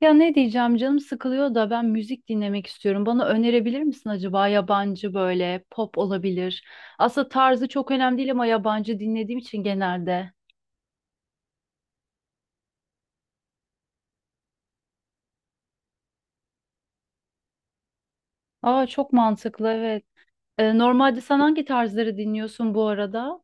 Ya ne diyeceğim, canım sıkılıyor da ben müzik dinlemek istiyorum. Bana önerebilir misin acaba, yabancı böyle pop olabilir. Aslında tarzı çok önemli değil ama yabancı dinlediğim için genelde. Aa, çok mantıklı, evet. Normalde sen hangi tarzları dinliyorsun bu arada?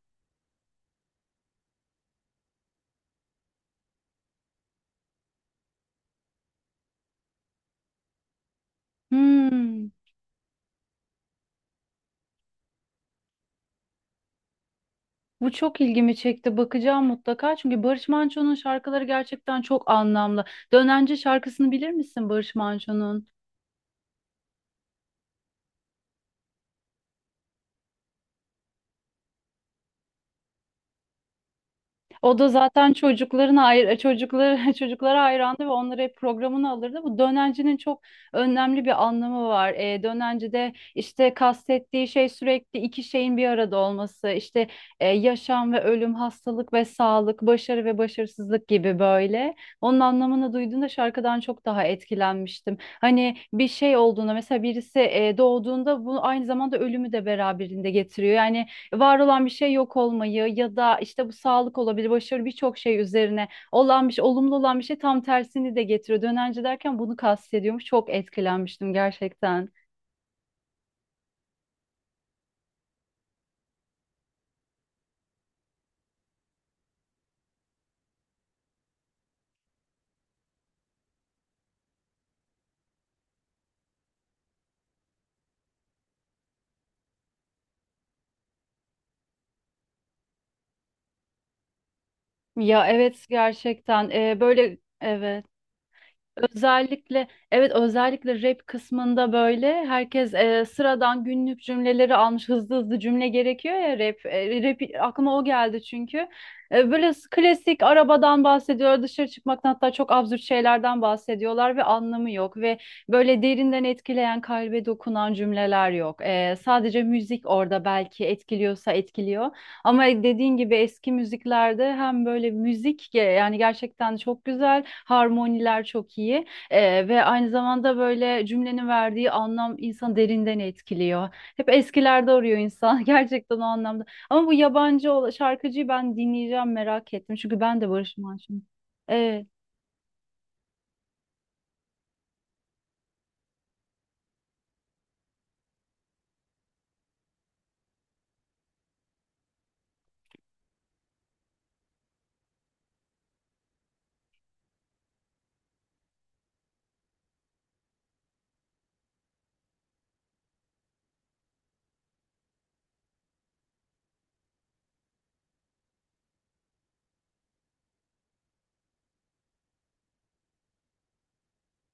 Hmm, Bu çok ilgimi çekti. Bakacağım mutlaka. Çünkü Barış Manço'nun şarkıları gerçekten çok anlamlı. Dönence şarkısını bilir misin Barış Manço'nun? O da zaten çocukların ayr çocukları çocuklara hayrandı ve onları hep programını alırdı. Bu dönencinin çok önemli bir anlamı var. Dönencide işte kastettiği şey sürekli iki şeyin bir arada olması. İşte yaşam ve ölüm, hastalık ve sağlık, başarı ve başarısızlık gibi böyle. Onun anlamını duyduğunda şarkıdan çok daha etkilenmiştim. Hani bir şey olduğunda mesela birisi doğduğunda bu aynı zamanda ölümü de beraberinde getiriyor. Yani var olan bir şey yok olmayı, ya da işte bu sağlık olabilir, başarı, birçok şey üzerine olan bir şey, olumlu olan bir şey tam tersini de getiriyor. Dönence derken bunu kastediyormuş. Çok etkilenmiştim gerçekten. Ya evet, gerçekten. Böyle, evet. Özellikle, evet, özellikle rap kısmında böyle herkes sıradan günlük cümleleri almış, hızlı hızlı cümle gerekiyor ya rap. Rap aklıma o geldi çünkü. Böyle klasik arabadan bahsediyor, dışarı çıkmaktan, hatta çok absürt şeylerden bahsediyorlar ve anlamı yok ve böyle derinden etkileyen, kalbe dokunan cümleler yok. Sadece müzik orada belki etkiliyorsa etkiliyor. Ama dediğin gibi eski müziklerde hem böyle müzik yani gerçekten çok güzel, harmoniler çok iyi, ve aynı zamanda böyle cümlenin verdiği anlam insanı derinden etkiliyor. Hep eskilerde arıyor insan gerçekten o anlamda. Ama bu yabancı şarkıcıyı ben dinleyeceğim, merak ettim çünkü ben de Barış Manço'yum.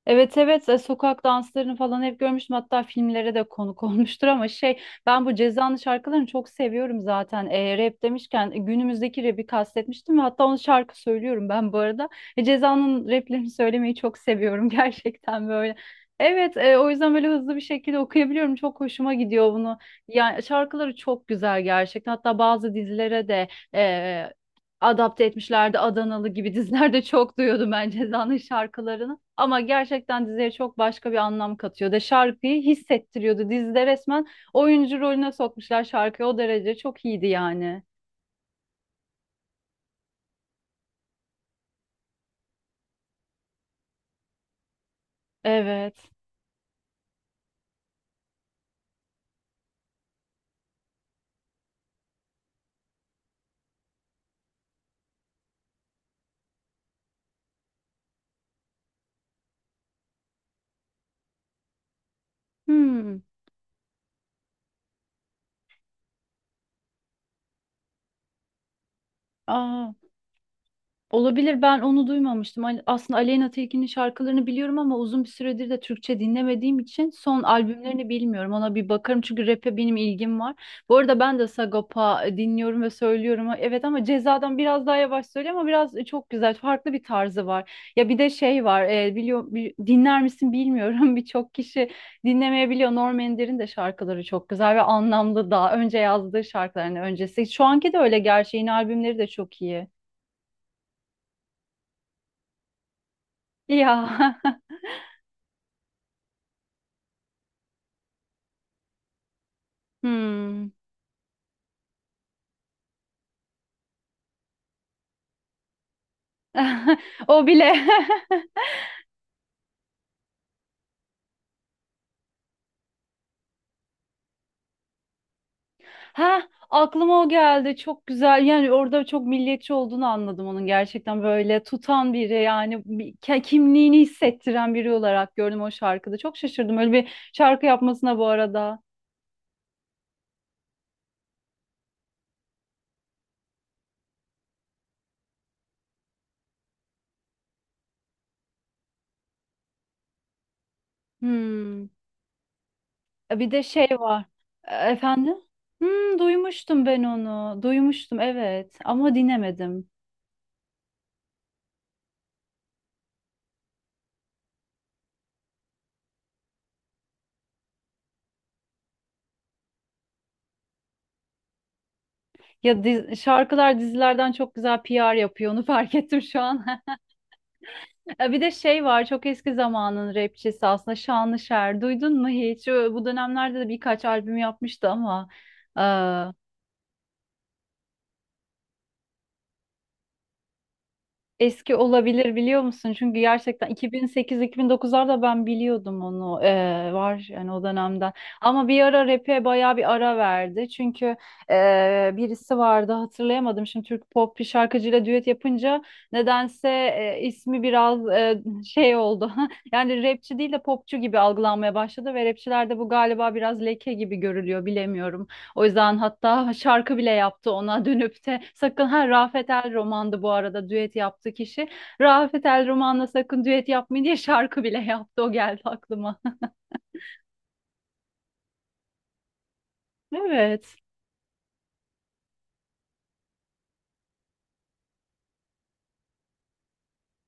Evet, evet, sokak danslarını falan hep görmüştüm, hatta filmlere de konuk olmuştur ama şey, ben bu Ceza'nın şarkılarını çok seviyorum zaten. Rap demişken, günümüzdeki rap'i kastetmiştim ve hatta onu şarkı söylüyorum ben bu arada. Ceza'nın rap'lerini söylemeyi çok seviyorum gerçekten böyle, evet, o yüzden böyle hızlı bir şekilde okuyabiliyorum, çok hoşuma gidiyor bunu, yani şarkıları çok güzel gerçekten, hatta bazı dizilere de e, adapte etmişlerdi, Adanalı gibi dizilerde çok duyuyordum ben Ceza'nın şarkılarını. Ama gerçekten diziye çok başka bir anlam katıyordu. Şarkıyı hissettiriyordu. Dizide resmen oyuncu rolüne sokmuşlar şarkıyı. O derece çok iyiydi yani. Evet. Hmm. Aa. Olabilir, ben onu duymamıştım. Aslında Aleyna Tilki'nin şarkılarını biliyorum ama uzun bir süredir de Türkçe dinlemediğim için son albümlerini bilmiyorum. Ona bir bakarım çünkü rap'e benim ilgim var. Bu arada ben de Sagopa dinliyorum ve söylüyorum. Evet ama Ceza'dan biraz daha yavaş söylüyor ama biraz çok güzel, farklı bir tarzı var. Ya bir de şey var, biliyor dinler misin bilmiyorum birçok kişi dinlemeyebiliyor. Norm Ender'in de şarkıları çok güzel ve anlamlı, daha önce yazdığı şarkıların öncesi. Şu anki de öyle, gerçi yeni albümleri de çok iyi. Ya Hmm. O bile. Ha, aklıma o geldi. Çok güzel. Yani orada çok milliyetçi olduğunu anladım onun, gerçekten böyle tutan biri, yani kimliğini hissettiren biri olarak gördüm o şarkıda. Çok şaşırdım öyle bir şarkı yapmasına bu arada. Hmm. Bir de şey var. Efendim? Hmm, duymuştum ben onu. Duymuştum evet, ama dinlemedim. Ya şarkılar dizilerden çok güzel PR yapıyor onu fark ettim şu an. Bir de şey var, çok eski zamanın rapçisi aslında Şanlışer. Duydun mu hiç? Bu dönemlerde de birkaç albüm yapmıştı ama e, eski olabilir, biliyor musun? Çünkü gerçekten 2008-2009'larda ben biliyordum onu, var yani o dönemden. Ama bir ara rap'e bayağı bir ara verdi. Çünkü birisi vardı, hatırlayamadım. Şimdi Türk pop bir şarkıcıyla düet yapınca nedense ismi biraz şey oldu. Yani rapçi değil de popçu gibi algılanmaya başladı ve rapçilerde bu galiba biraz leke gibi görülüyor, bilemiyorum. O yüzden hatta şarkı bile yaptı ona dönüp de sakın ha, Rafet El Roman'dı bu arada düet yaptı kişi. Rafet El Roman'la sakın düet yapmayın diye şarkı bile yaptı, o geldi aklıma. Evet.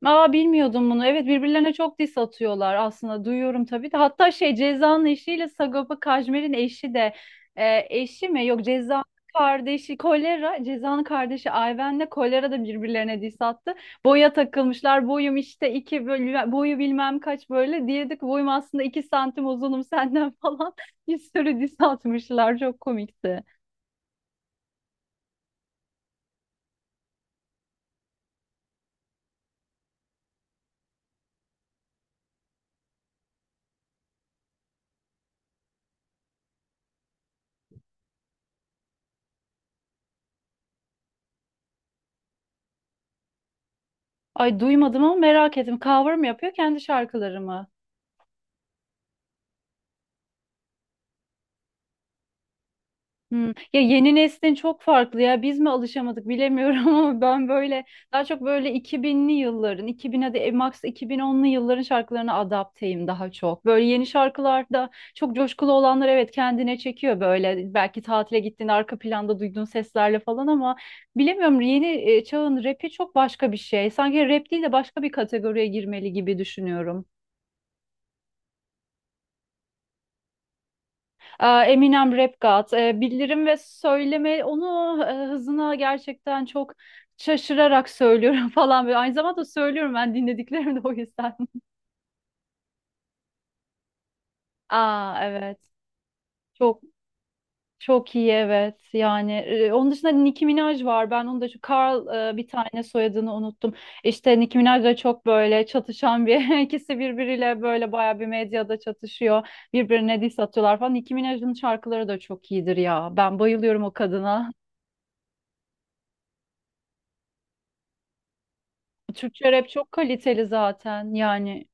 Aa, bilmiyordum bunu. Evet, birbirlerine çok diss atıyorlar aslında, duyuyorum tabii de. Hatta şey Ceza'nın eşiyle Sagopa Kajmer'in eşi de eşi mi? Yok, Ceza'nın kardeşi Kolera, Ceza'nın kardeşi Ayven'le Kolera da birbirlerine diss attı. Boya takılmışlar. Boyum işte iki, böyle boyu bilmem kaç böyle. Diyedik boyum aslında 2 santim uzunum senden falan. Bir sürü diss atmışlar. Çok komikti. Ay, duymadım ama merak ettim. Cover mı yapıyor, kendi şarkıları mı? Hmm. Ya yeni neslin çok farklı ya, biz mi alışamadık bilemiyorum ama ben böyle daha çok böyle 2000'li yılların 2000, hadi max 2010'lu yılların şarkılarına adapteyim daha çok. Böyle yeni şarkılarda çok coşkulu olanlar, evet, kendine çekiyor böyle, belki tatile gittiğinde arka planda duyduğun seslerle falan, ama bilemiyorum, yeni çağın rapi çok başka bir şey. Sanki rap değil de başka bir kategoriye girmeli gibi düşünüyorum. Aa, Eminem Rap God. Bildirim ve söyleme onu hızına gerçekten çok şaşırarak söylüyorum falan böyle. Aynı zamanda söylüyorum ben dinlediklerimi de, o yüzden. Aa evet. Çok çok iyi evet. Yani onun dışında Nicki Minaj var. Ben onu da şu Carl, bir tane soyadını unuttum. İşte Nicki Minaj da çok böyle çatışan bir ikisi birbiriyle böyle bayağı bir medyada çatışıyor. Birbirine diss atıyorlar falan. Nicki Minaj'ın şarkıları da çok iyidir ya. Ben bayılıyorum o kadına. Türkçe rap çok kaliteli zaten yani.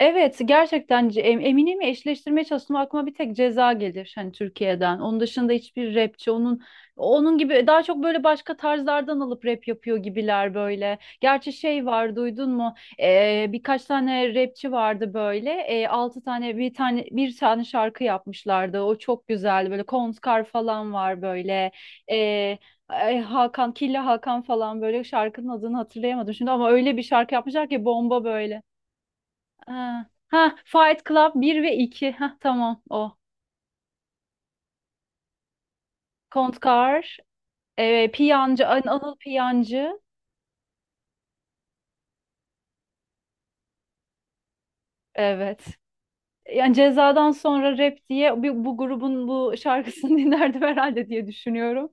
Evet gerçekten, Emine'mi eşleştirmeye çalıştım, aklıma bir tek Ceza gelir hani Türkiye'den. Onun dışında hiçbir rapçi onun gibi, daha çok böyle başka tarzlardan alıp rap yapıyor gibiler böyle. Gerçi şey var, duydun mu? Birkaç tane rapçi vardı böyle. Altı tane bir tane şarkı yapmışlardı. O çok güzeldi böyle, Kontkar falan var böyle. Ee, Ay, Hakan, Killa Hakan falan, böyle şarkının adını hatırlayamadım şimdi ama öyle bir şarkı yapmışlar ki bomba böyle. Ha, ha, Fight Club bir ve 2. Ha, tamam o. Kontkar, Piyancı, Anıl Piyancı. Evet. Yani Ceza'dan sonra rap diye bu grubun bu şarkısını dinlerdim herhalde diye düşünüyorum.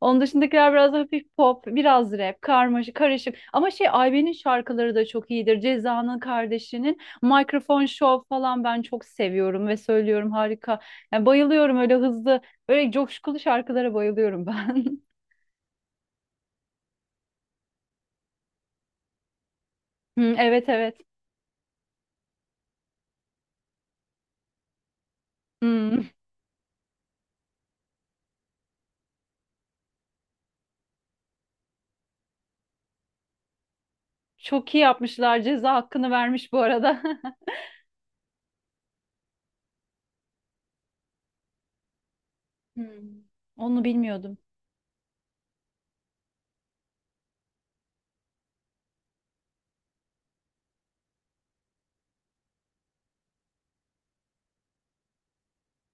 Onun dışındakiler biraz hafif pop, biraz rap, karmaşık, karışık. Ama şey Ayben'in şarkıları da çok iyidir. Ceza'nın kardeşinin Mikrofon Show falan ben çok seviyorum ve söylüyorum, harika. Yani bayılıyorum öyle hızlı, böyle coşkulu şarkılara bayılıyorum ben. Hı, evet, evet. Hı. Çok iyi yapmışlar. Ceza hakkını vermiş bu arada. Hı. Onu bilmiyordum.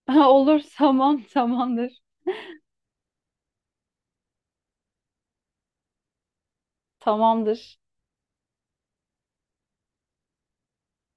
Olur, tamam, tamamdır. Tamamdır.